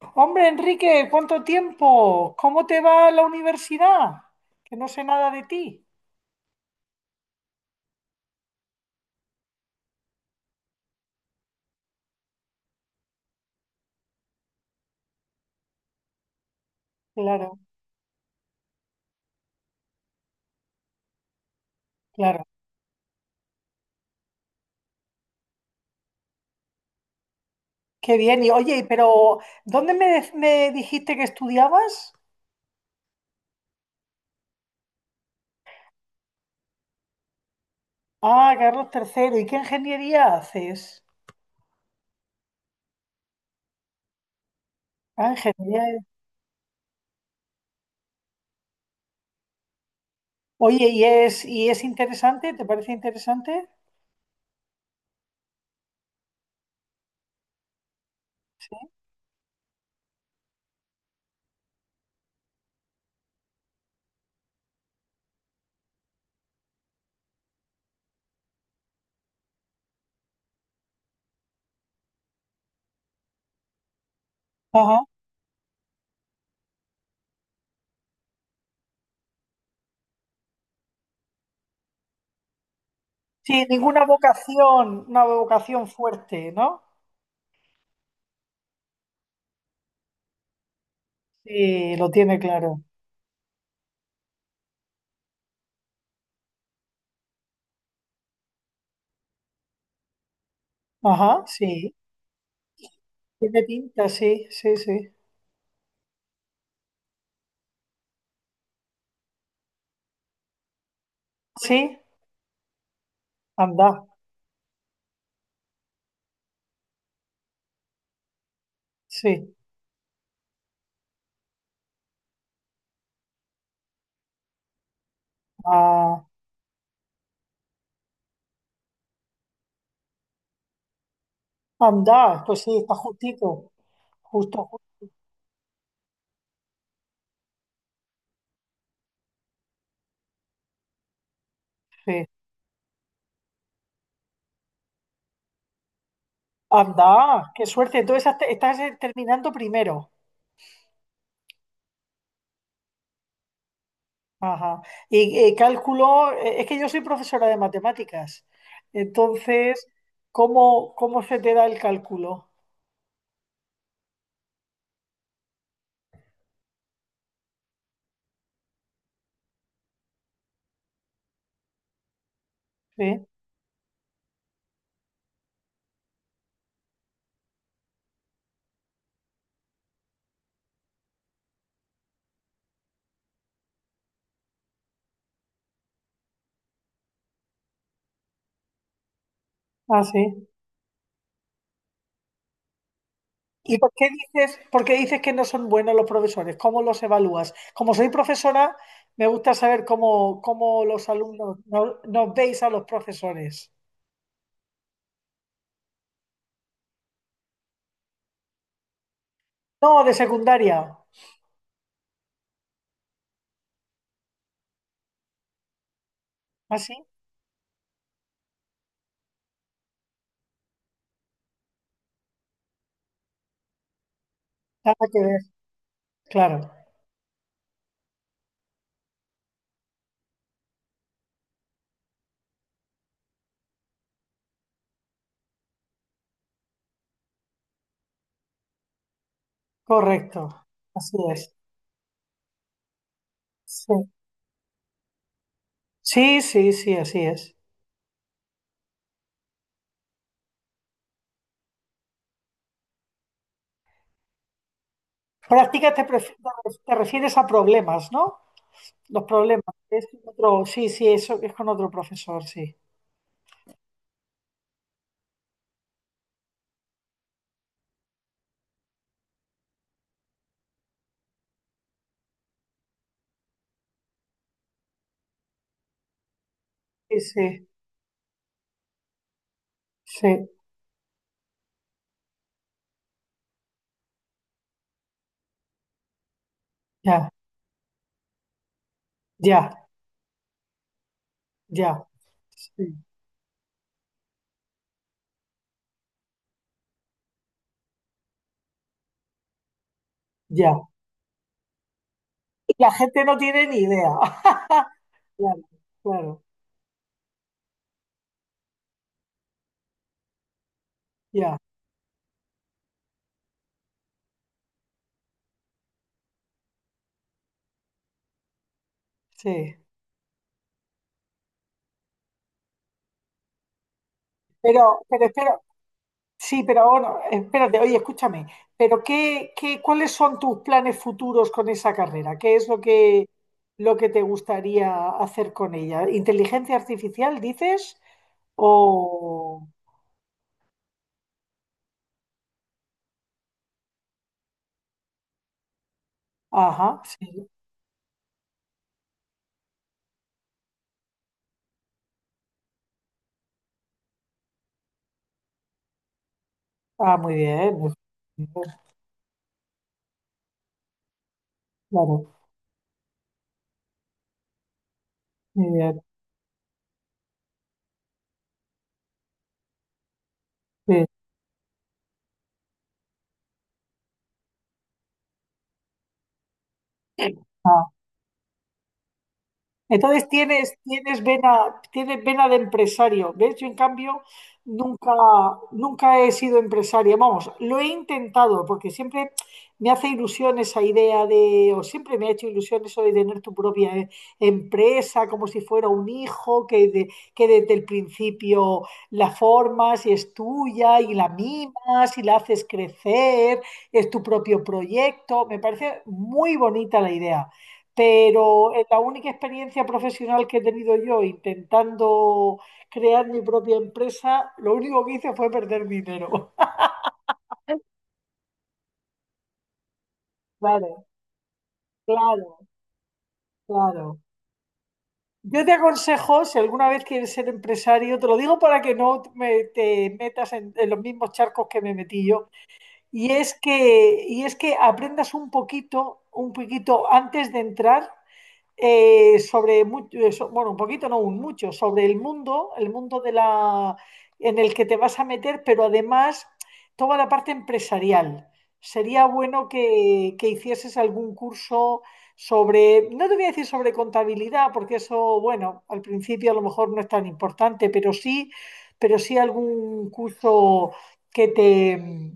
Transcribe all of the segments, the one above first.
Hombre, Enrique, ¿cuánto tiempo? ¿Cómo te va la universidad? Que no sé nada de ti. Claro, claro. Qué bien. Y oye, pero ¿dónde me dijiste que estudiabas? Ah, Carlos tercero. ¿Y qué ingeniería haces? Ah, ingeniería. Oye, ¿y es interesante? ¿Te parece interesante? Ajá. Sí, una vocación fuerte, ¿no? Sí, lo tiene claro. Ajá, sí. Tiene pinta, sí, sí, sí. Sí, anda, sí. Ah, anda, pues sí, está justito, justo, justo, sí. Anda, qué suerte. Entonces estás terminando primero. Ajá. Y cálculo, es que yo soy profesora de matemáticas. Entonces, ¿cómo se te da el cálculo? Sí. Ah, sí. ¿Por qué dices que no son buenos los profesores? ¿Cómo los evalúas? Como soy profesora, me gusta saber cómo los alumnos no- nos veis a los profesores. No, de secundaria. ¿Así? Nada que ver, claro, correcto, así es. Sí, sí, así es. Práctica te, pref- te refieres a problemas, ¿no? Los problemas. Es con otro, sí, sí, eso es con otro profesor, sí. Sí, sí, sí, ya, ya, ya, sí, ya. Y la gente no tiene ni idea. Claro, claro, ya, sí. Pero, pero espero, Sí, pero ahora, espérate, oye, escúchame, ¿cuáles son tus planes futuros con esa carrera? ¿Qué es lo que te gustaría hacer con ella? ¿Inteligencia artificial, dices? O... Ajá, sí. Ah, muy bien. Claro, muy bien. Sí. Ah. Entonces tienes, tienes vena de empresario, ¿ves? Yo en cambio nunca, nunca he sido empresaria. Vamos, lo he intentado porque siempre me hace ilusión esa idea de, o siempre me ha hecho ilusión eso de tener tu propia empresa, como si fuera un hijo, que desde el principio la formas y es tuya y la mimas y la haces crecer, es tu propio proyecto. Me parece muy bonita la idea, pero es la única experiencia profesional que he tenido yo intentando crear mi propia empresa. Lo único que hice fue perder dinero. Claro, claro, claro. Yo te aconsejo, si alguna vez quieres ser empresario, te lo digo para que no me- te metas en los mismos charcos que me metí yo, y es que aprendas un poquito antes de entrar sobre, bueno, un poquito, no un mucho, sobre el mundo, en el que te vas a meter, pero además toda la parte empresarial. Sería bueno que hicieses algún curso sobre, no te voy a decir sobre contabilidad, porque eso, bueno, al principio a lo mejor no es tan importante, pero sí algún curso que te,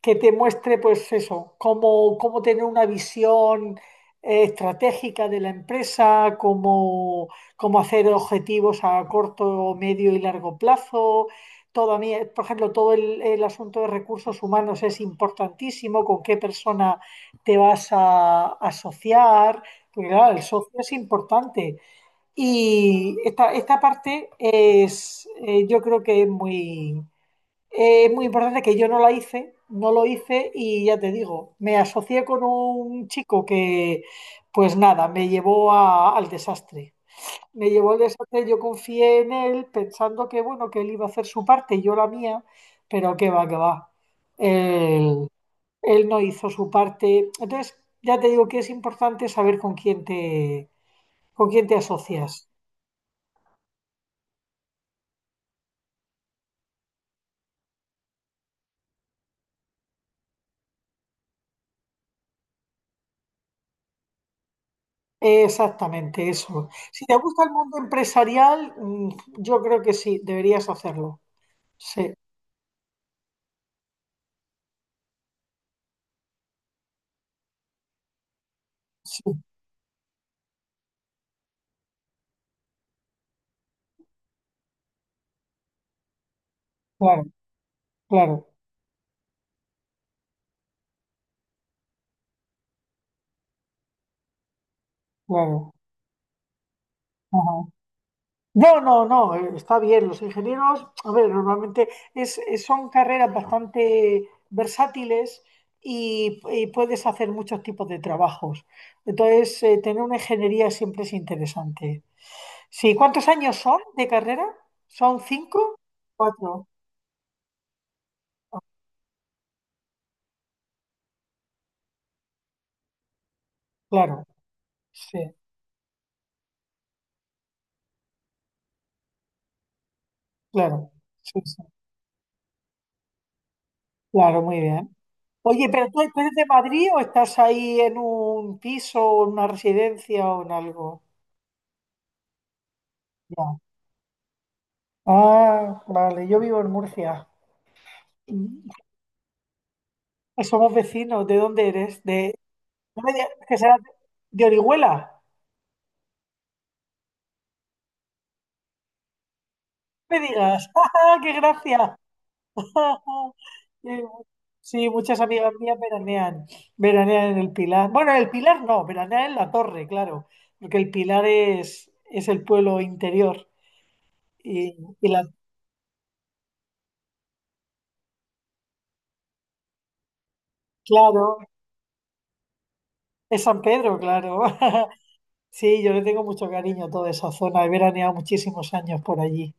que te muestre, pues eso, cómo tener una visión estratégica de la empresa, cómo hacer objetivos a corto, medio y largo plazo. Todavía, por ejemplo, el asunto de recursos humanos es importantísimo, con qué persona te vas a asociar, porque claro, el socio es importante. Y esta parte es, yo creo que es es muy importante, que yo no la hice, no lo hice, y ya te digo, me asocié con un chico pues nada, al desastre. Me llevó al desastre. Yo confié en él pensando que, bueno, que él iba a hacer su parte y yo la mía, pero qué va, qué va. Él, él no hizo su parte. Entonces, ya te digo que es importante saber con con quién te asocias. Exactamente eso. Si te gusta el mundo empresarial, yo creo que sí, deberías hacerlo. Sí, sí, claro, claro, claro. Ajá. No, no, no, está bien. Los ingenieros, a ver, normalmente son carreras bastante versátiles y puedes hacer muchos tipos de trabajos. Entonces, tener una ingeniería siempre es interesante. Sí, ¿cuántos años son de carrera? ¿Son cinco? Cuatro, claro. Sí. Claro, sí, sí, claro, muy bien. Oye, tú eres de Madrid, ¿o estás ahí en un piso o en una residencia o en algo? Ya. Ah, vale, yo vivo en Murcia. Mm. Somos vecinos, ¿de dónde eres? De, no me digas que serás de Orihuela. No me digas. ¡Ah, qué gracia! Eh, sí, muchas amigas mías veranean, veranean en el Pilar. Bueno, en el Pilar no, veranean en la Torre, claro, porque el Pilar es el pueblo interior. Y, y la, claro, es San Pedro, claro. Sí, yo le tengo mucho cariño a toda esa zona. He veraneado muchísimos años por allí.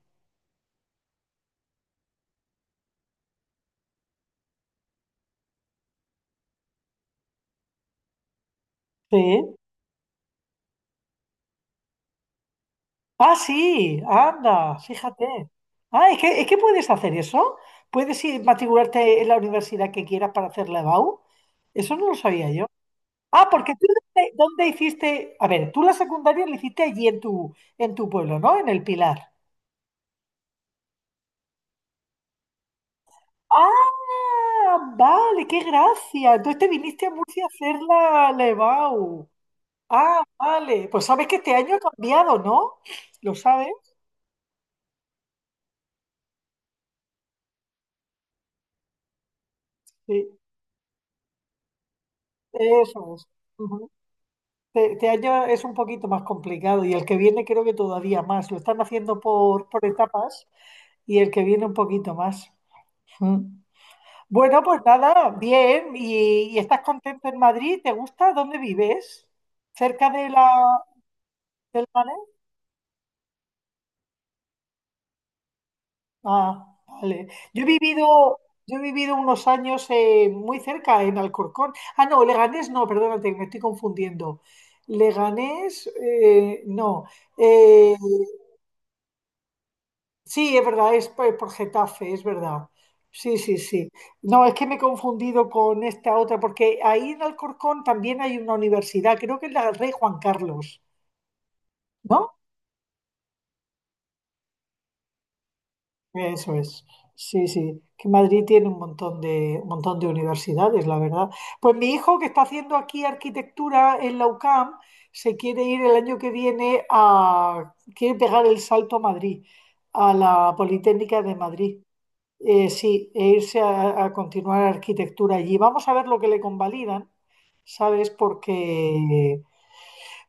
Sí. Ah, sí, anda, fíjate. Ah, es que puedes hacer eso. Puedes ir matricularte en la universidad que quieras para hacer la EBAU. Eso no lo sabía yo. Ah, porque tú dónde hiciste, a ver, tú la secundaria la hiciste allí en en tu pueblo, ¿no? En el Pilar. Ah, vale, qué gracia. Entonces te viniste a Murcia a hacer la EBAU. Ah, vale. Pues sabes que este año ha cambiado, ¿no? ¿Lo sabes? Sí, eso es. Ujú. Este año es un poquito más complicado y el que viene creo que todavía más. Lo están haciendo por etapas y el que viene un poquito más. Mm. Bueno, pues nada, bien. Y estás contento en Madrid? ¿Te gusta? ¿Dónde vives? ¿Cerca de del Maresme? Ah, vale. Yo he vivido, yo he vivido unos años muy cerca en Alcorcón. Ah, no, Leganés no, perdónate, me estoy confundiendo. Leganés, no. Eh, sí, es verdad, es por Getafe, es verdad. Sí, sí, sí. No, es que me he confundido con esta otra, porque ahí en Alcorcón también hay una universidad, creo que es la Rey Juan Carlos, ¿no? Eso es, sí, sí, que Madrid tiene un montón de universidades, la verdad. Pues mi hijo, que está haciendo aquí arquitectura en la UCAM, se quiere ir el año que viene a, quiere pegar el salto a Madrid, a la Politécnica de Madrid. Sí, e irse a continuar arquitectura allí. Vamos a ver lo que le convalidan, ¿sabes?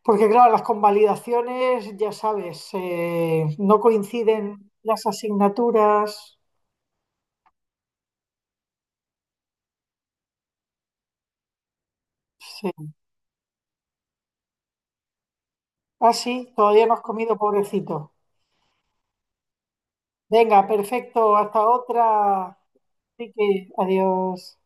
Porque claro, las convalidaciones, ya sabes, no coinciden las asignaturas. Sí. Ah, sí, todavía no has comido, pobrecito. Venga, perfecto, hasta otra. Así que, adiós.